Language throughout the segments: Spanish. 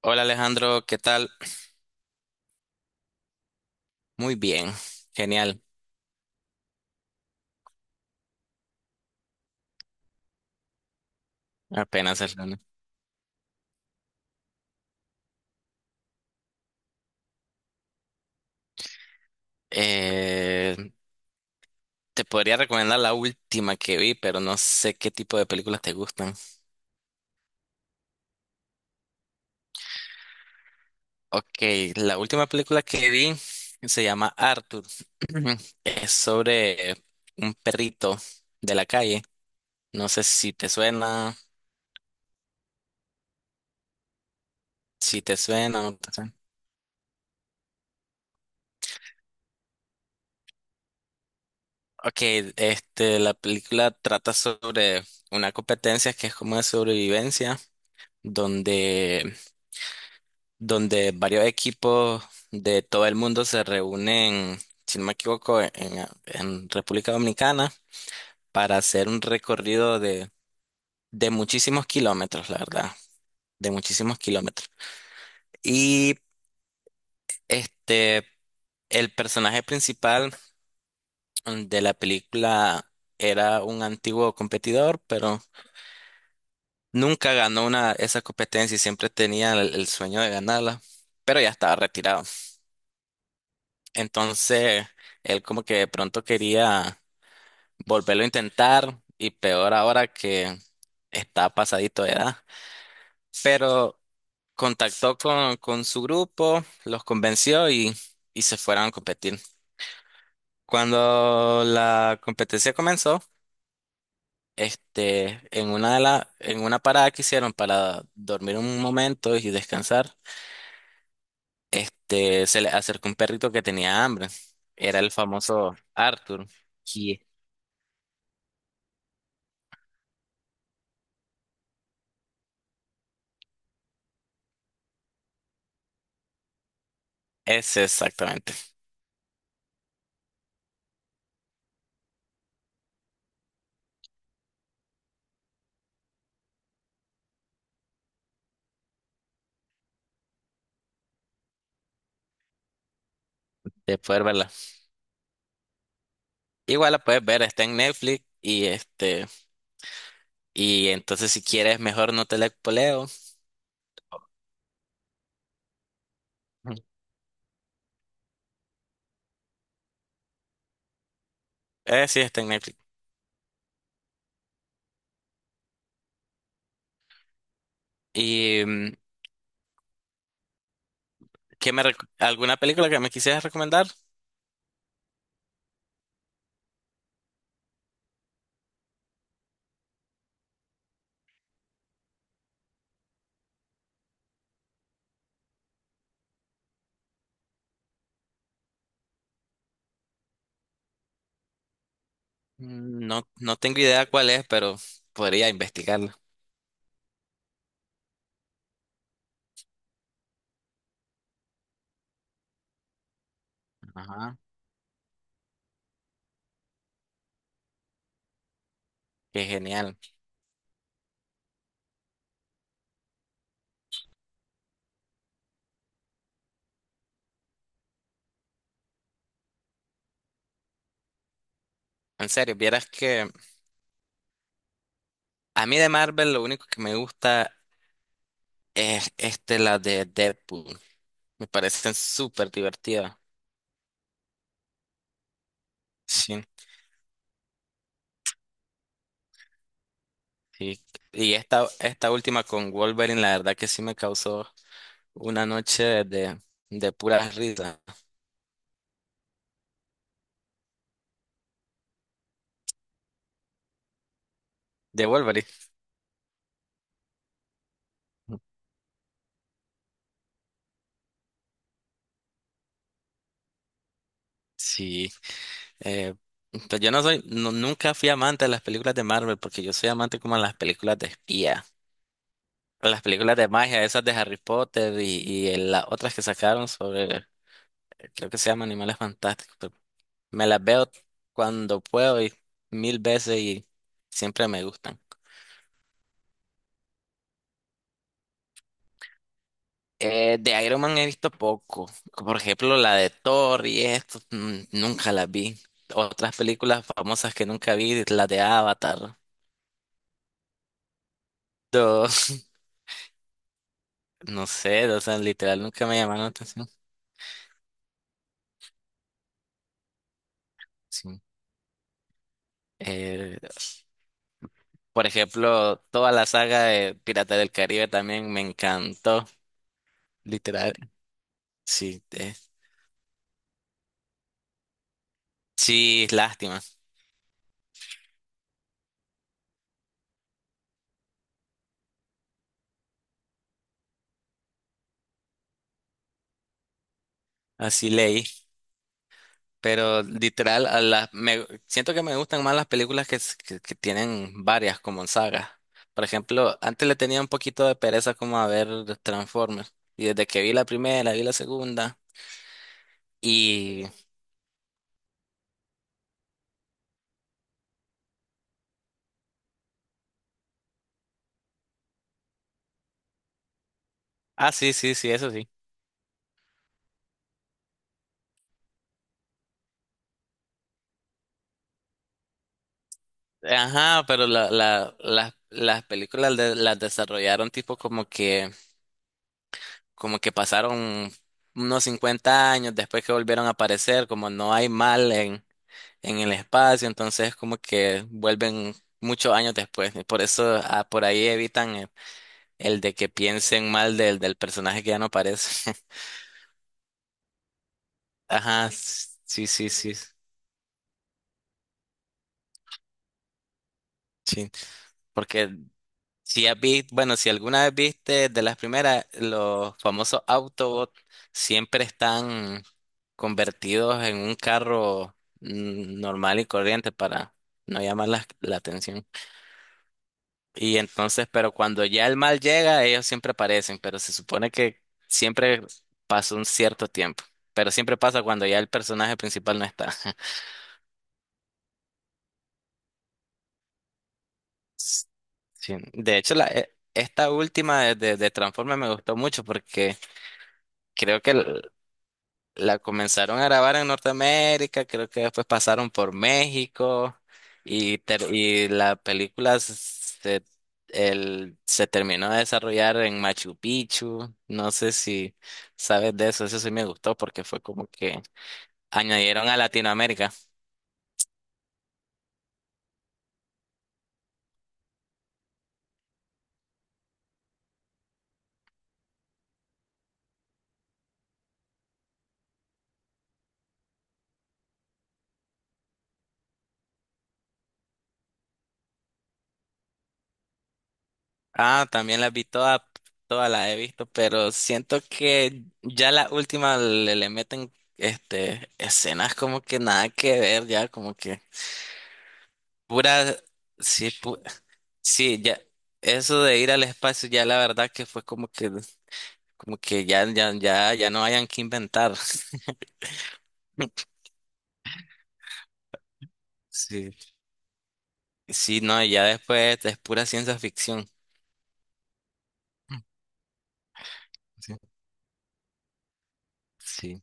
Hola Alejandro, ¿qué tal? Muy bien, genial, apenas el lunes. Eh, Te podría recomendar la última que vi, pero no sé qué tipo de películas te gustan. Ok, la última película que vi se llama Arthur. Es sobre un perrito de la calle. No sé si te suena, si te suena o no te suena. Ok, la película trata sobre una competencia que es como de sobrevivencia, donde donde varios equipos de todo el mundo se reúnen, si no me equivoco, en República Dominicana para hacer un recorrido de muchísimos kilómetros, la verdad, de muchísimos kilómetros. Y este, el personaje principal de la película era un antiguo competidor, pero nunca ganó una, esa competencia y siempre tenía el sueño de ganarla, pero ya estaba retirado. Entonces, él como que de pronto quería volverlo a intentar y peor ahora que está pasadito de edad. Pero contactó con su grupo, los convenció y se fueron a competir. Cuando la competencia comenzó, en una de en una parada que hicieron para dormir un momento y descansar, se le acercó un perrito que tenía hambre. Era el famoso Arthur. Y ese exactamente, de poder verla. Igual la puedes ver, está en Netflix y y entonces si quieres mejor no te la poleo. Ujú. Sí, está en Netflix. ¿Y qué me alguna película que me quisieras recomendar? Mm, no, no tengo idea cuál es, pero podría investigarla. Ajá. Qué genial. En serio, vieras que a mí de Marvel lo único que me gusta es la de Deadpool. Me parecen súper divertidas. Sí. Sí. Y esta última con Wolverine, la verdad que sí me causó una noche de pura risa. De Wolverine. Sí. eh, pues yo no soy, nunca fui amante de las películas de Marvel, porque yo soy amante como a las películas de espía, a las películas de magia, esas de Harry Potter y, las otras que sacaron sobre, creo que se llaman Animales Fantásticos. Pero me las veo cuando puedo y mil veces y siempre me gustan. De Iron Man he visto poco. Por ejemplo, la de Thor y esto, nunca las vi. Otras películas famosas que nunca vi, la de Avatar. No, no sé, o sea, literal nunca me llamaron la atención. Sí. Eh, por ejemplo, toda la saga de Pirata del Caribe también me encantó, literal. Sí, sí, lástima. Así leí. Pero literal, siento que me gustan más las películas que, que tienen varias como sagas. Por ejemplo, antes le tenía un poquito de pereza como a ver Transformers. Y desde que vi la primera, vi la segunda. Y... Ah, sí, sí, sí, eso sí. Ajá, pero la, las películas las desarrollaron tipo como que pasaron unos 50 años después que volvieron a aparecer, como no hay mal en el espacio, entonces como que vuelven muchos años después. Y por eso por ahí evitan el de que piensen mal del personaje que ya no aparece. Ajá, sí, sí, sí, sí. Porque si has visto, bueno, si alguna vez viste de las primeras, los famosos Autobots siempre están convertidos en un carro normal y corriente para no llamar la atención. Y entonces, pero cuando ya el mal llega, ellos siempre aparecen, pero se supone que siempre pasa un cierto tiempo, pero siempre pasa cuando ya el personaje principal no está. S- Sí, de hecho, esta última de Transformers me gustó mucho porque creo que l- la comenzaron a grabar en Norteamérica, creo que después pasaron por México y la película se terminó de desarrollar en Machu Picchu. No sé si sabes de eso, eso sí me gustó porque fue como que añadieron a Latinoamérica. Ah, también las vi todas, todas las he visto, pero siento que ya la última le meten escenas como que nada que ver, ya como que pura... Sí, sí, ya, eso de ir al espacio ya la verdad que fue como que ya, ya, ya, ya no hayan que inventar. Sí, sí, no, ya después es pura ciencia ficción. Mm, sí, sí.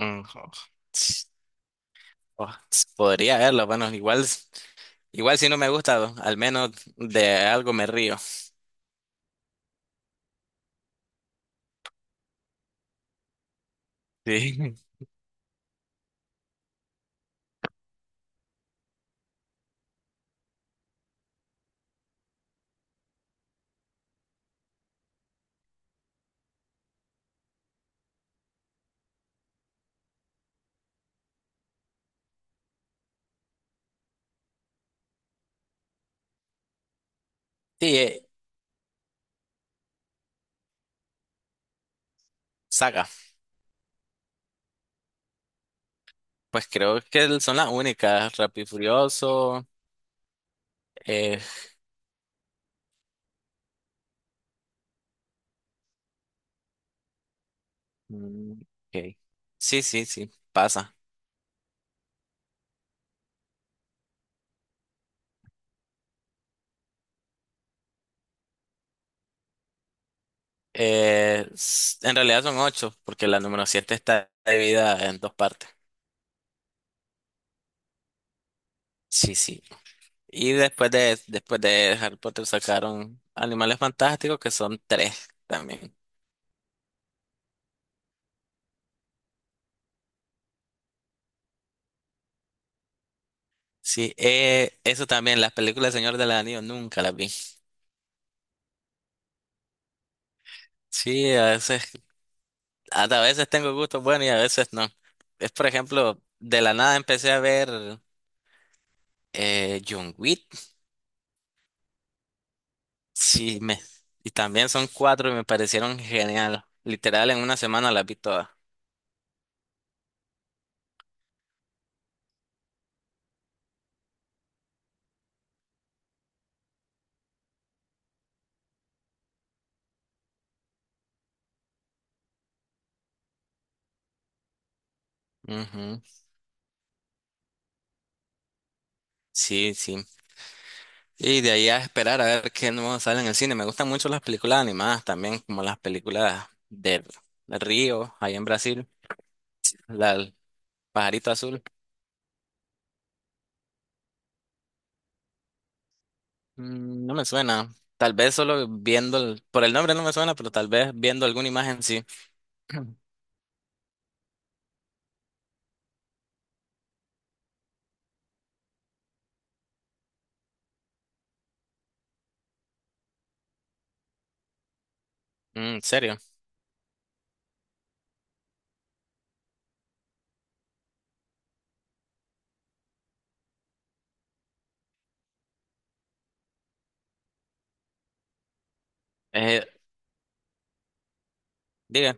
Mm, jo- ts- Podría verlo, bueno, igual, igual si no me gusta, al menos de algo me río. Sí, sí, saga, pues creo que son las únicas, Rápido y Furioso, eh, mm, ok. Sí, sí, sí, pasa. En realidad son 8, porque la número 7 está dividida en dos partes. Sí, sí. Y después de Harry Potter sacaron Animales Fantásticos, que son tres también. Sí, eso también, las películas del Señor del Anillo nunca las vi. Sí, a veces, a veces tengo gustos buenos y a veces no. Es por ejemplo, de la nada empecé a ver John Wick. Sí, y también son cuatro y me parecieron genial. Literal, en una semana las vi todas. Ujú. Sí, sí. Y de ahí a esperar a ver qué nuevo sale en el cine. Me gustan mucho las películas animadas también, como las películas del Río, ahí en Brasil, la del Pajarito Azul. Mm, no me suena. Tal vez solo viendo, por el nombre no me suena, pero tal vez viendo alguna imagen sí. Mm, en serio. Eh, diga,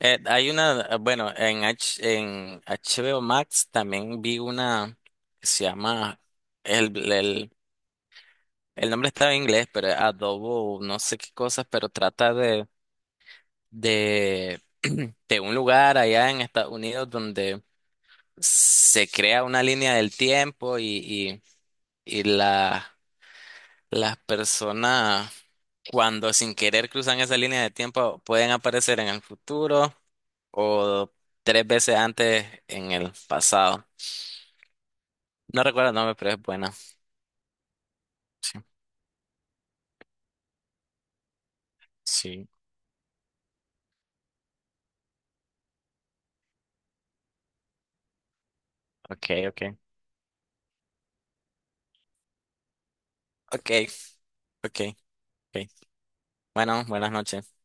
hay una, bueno, en HBO Max también vi una que se llama el el el nombre estaba en inglés, pero es Adobo, no sé qué cosas, pero trata de, de, de un lugar allá en Estados Unidos donde se crea una línea del tiempo y, y, y la, las personas cuando sin querer cruzan esa línea de tiempo pueden aparecer en el futuro o tres veces antes en el pasado. No recuerdo el nombre, pero es buena. Sí, sí, ok, ok. Ok, ok, ok. Bueno, buenas noches.